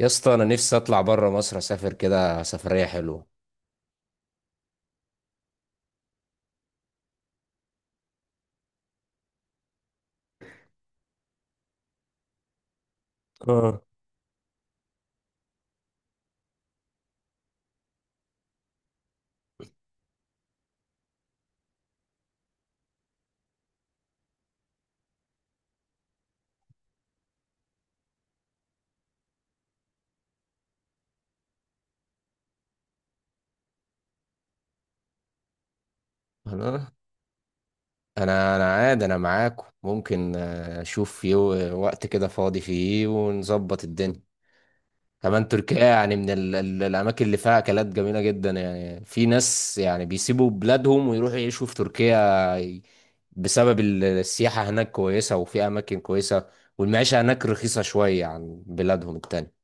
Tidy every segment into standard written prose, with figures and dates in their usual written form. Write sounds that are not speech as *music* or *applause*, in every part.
يا اسطى، انا نفسي اطلع بره مصر، اسافر كده سفريه حلوه. اه. انا انا عادي، انا معاكم ممكن اشوف في وقت كده فاضي فيه ونظبط الدنيا. كمان تركيا يعني من ال الاماكن اللي فيها اكلات جميله جدا. يعني في ناس يعني بيسيبوا بلادهم ويروحوا يعيشوا في تركيا ي- بسبب السياحه هناك كويسه، وفي اماكن كويسه، والمعيشه هناك رخيصه شويه عن بلادهم التانية.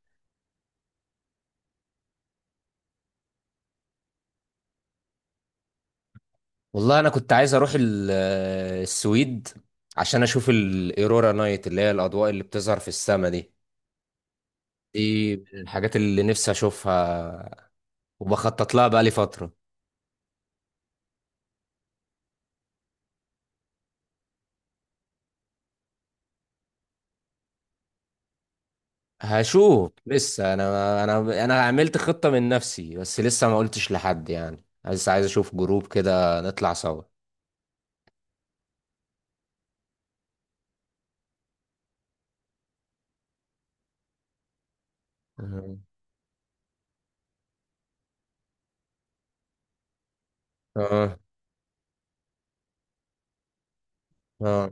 والله انا كنت عايز اروح السويد عشان اشوف الايرورا نايت اللي هي الاضواء اللي بتظهر في السما دي. دي من الحاجات اللي نفسي اشوفها وبخطط لها بقالي فترة. هشوف لسه، انا عملت خطة من نفسي بس لسه ما قلتش لحد، يعني عايز اشوف جروب كده نطلع سوا. آه. اه. اه.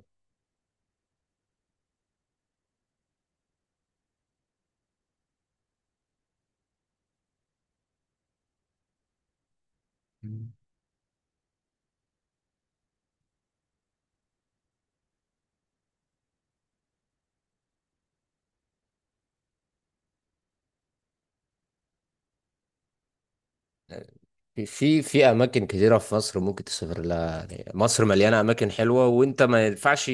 في اماكن كتيره في مصر ممكن تسافر لها، يعني مصر مليانه اماكن حلوه، وانت ما ينفعش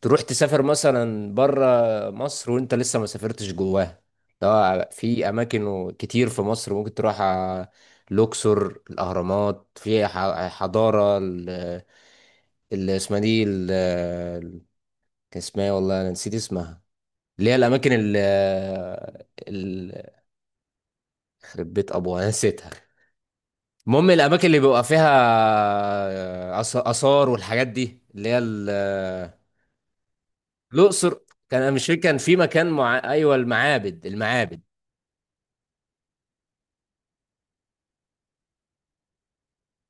تروح تسافر مثلا بره مصر وانت لسه ما سافرتش جواها. ده في اماكن كتير في مصر ممكن تروح الاقصر، الاهرامات، في حضاره اللي اسمها دي كان اسمها إيه، والله انا نسيت اسمها، اللي هي الاماكن اللي خربت ابوها، أنا نسيتها. المهم الاماكن اللي بيبقى فيها اثار والحاجات دي اللي هي الاقصر. كان أنا مش فاكر كان في مكان، مع ايوه، المعابد، المعابد.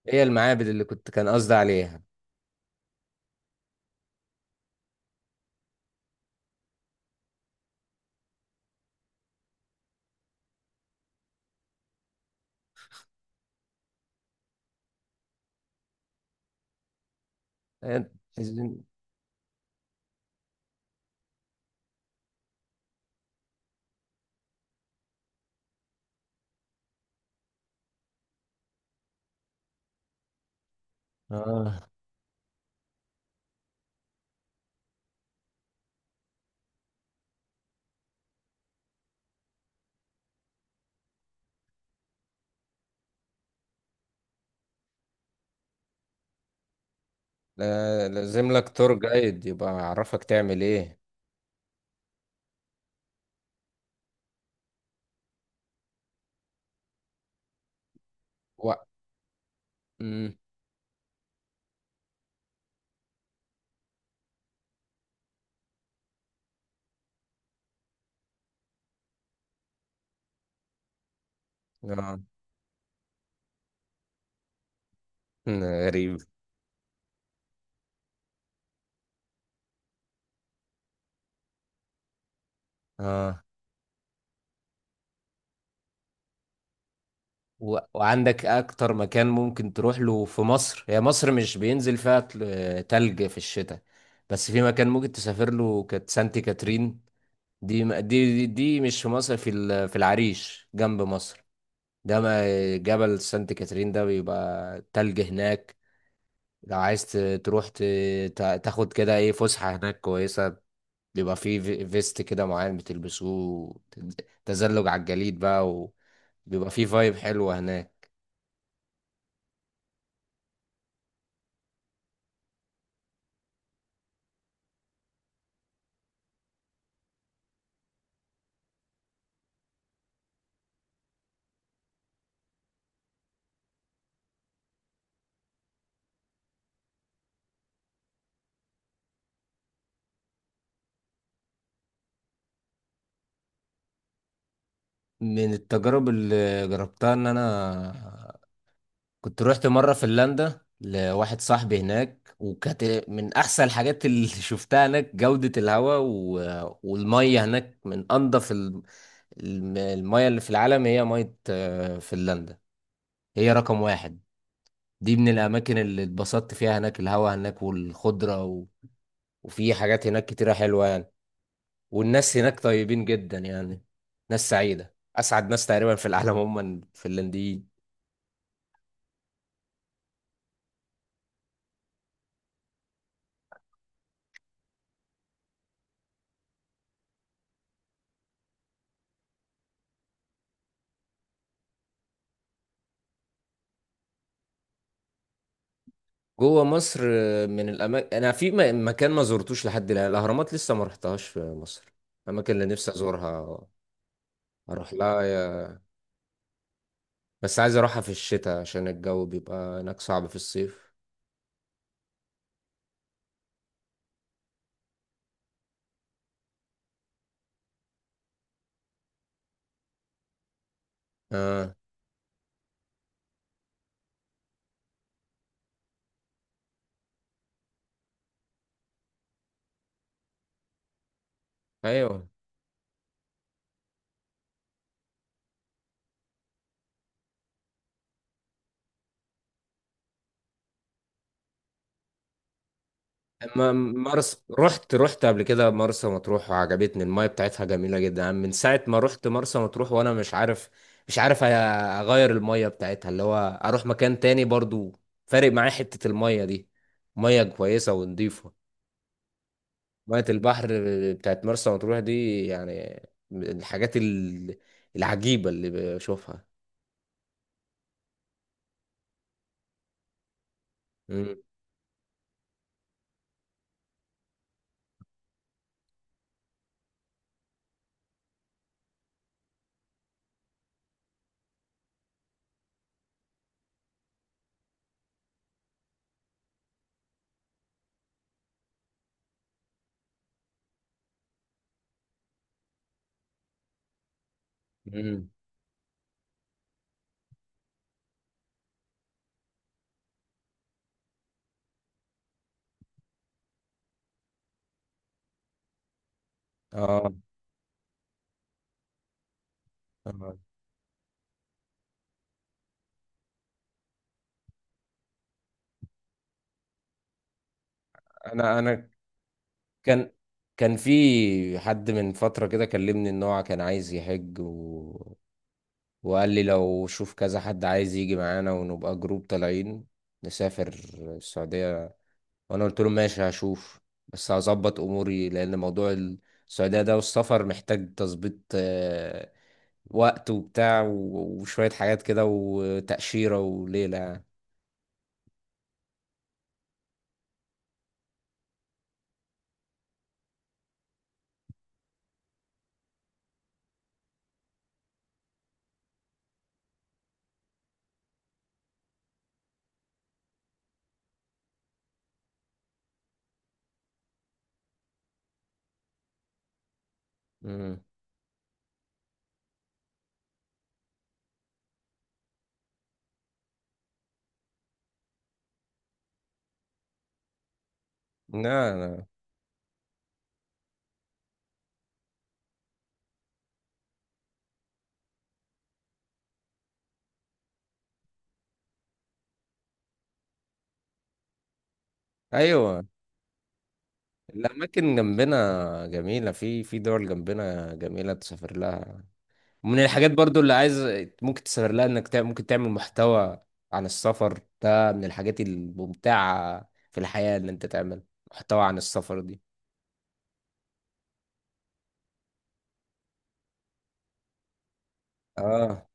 هي المعابد اللي كنت كان قصدي عليها. إيه، عايزين- اه، لازم لك تور جايد يبقى يعرفك تعمل ايه. و... مم. آه. غريب. اه. وعندك اكتر مكان ممكن تروح له في مصر؟ هي مصر مش بينزل فيها تلج في الشتاء، بس في مكان ممكن تسافر له كانت سانتي كاترين. دي م- دي دي دي مش في مصر، في في العريش جنب مصر. ده ما جبل سانتي كاترين ده بيبقى تلج هناك. لو عايز تروح تاخد كده ايه فسحة هناك كويسة. بيبقى فيه فيست كده معين بتلبسوه، تز- تزلج على الجليد بقى، وبيبقى فيه فايب حلوة هناك. من التجارب اللي جربتها ان انا كنت روحت مره فنلندا لواحد صاحبي هناك، وكانت من احسن الحاجات اللي *laughs* شفتها هناك. جوده الهواء والميه هناك من انضف الميه اللي في العالم، هي ميه فنلندا، هي رقم واحد. دي من الاماكن اللي اتبسطت فيها. هناك الهواء هناك والخضره وفي حاجات هناك كتيره حلوه يعني. والناس هناك طيبين جدا يعني، ناس سعيده، اسعد ناس تقريبا في العالم هم الفنلنديين. جوه مصر من الاماكن، انا في مكان ما زرتوش لحد الان، الاهرامات لسه ما رحتهاش في مصر، الاماكن اللي نفسي ازورها اروح لها بس عايز اروحها في الشتاء عشان الجو بيبقى هناك صعب في الصيف. اه. ايوه. اما مرسى، رحت قبل كده مرسى مطروح وعجبتني المايه بتاعتها جميله جدا. من ساعه ما رحت مرسى مطروح وانا مش عارف، مش عارف اغير المايه بتاعتها، اللي هو اروح مكان تاني برضو، فارق معايا حته المايه دي، ميه كويسه ونضيفه. مية البحر بتاعت مرسى مطروح دي يعني من الحاجات العجيبة اللي بشوفها. مم. مم. اه. آه. انا كان كان في حد من فترة كده كلمني ان هو كان عايز يحج وقال لي لو شوف كذا حد عايز يجي معانا ونبقى جروب طالعين، نسافر السعودية. وانا قلت له ماشي هشوف، بس هظبط اموري لان موضوع السعودية ده والسفر محتاج تظبيط وقت وبتاع وشوية حاجات كده وتأشيرة وليلة يعني. مم. لا. لا. أيوة. الأماكن جنبنا جميلة، في دول جنبنا جميلة تسافر لها. من الحاجات برضو اللي عايز ممكن تسافر لها، إنك ممكن تعمل محتوى عن السفر، ده من الحاجات الممتعة في الحياة إن أنت تعمل محتوى عن السفر دي. آه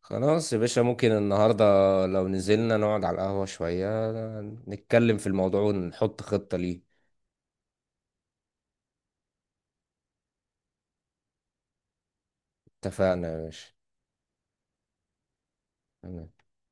خلاص يا باشا، ممكن النهاردة لو نزلنا نقعد على القهوة شوية نتكلم في الموضوع ونحط خطة ليه. اتفقنا يا باشا. تمام.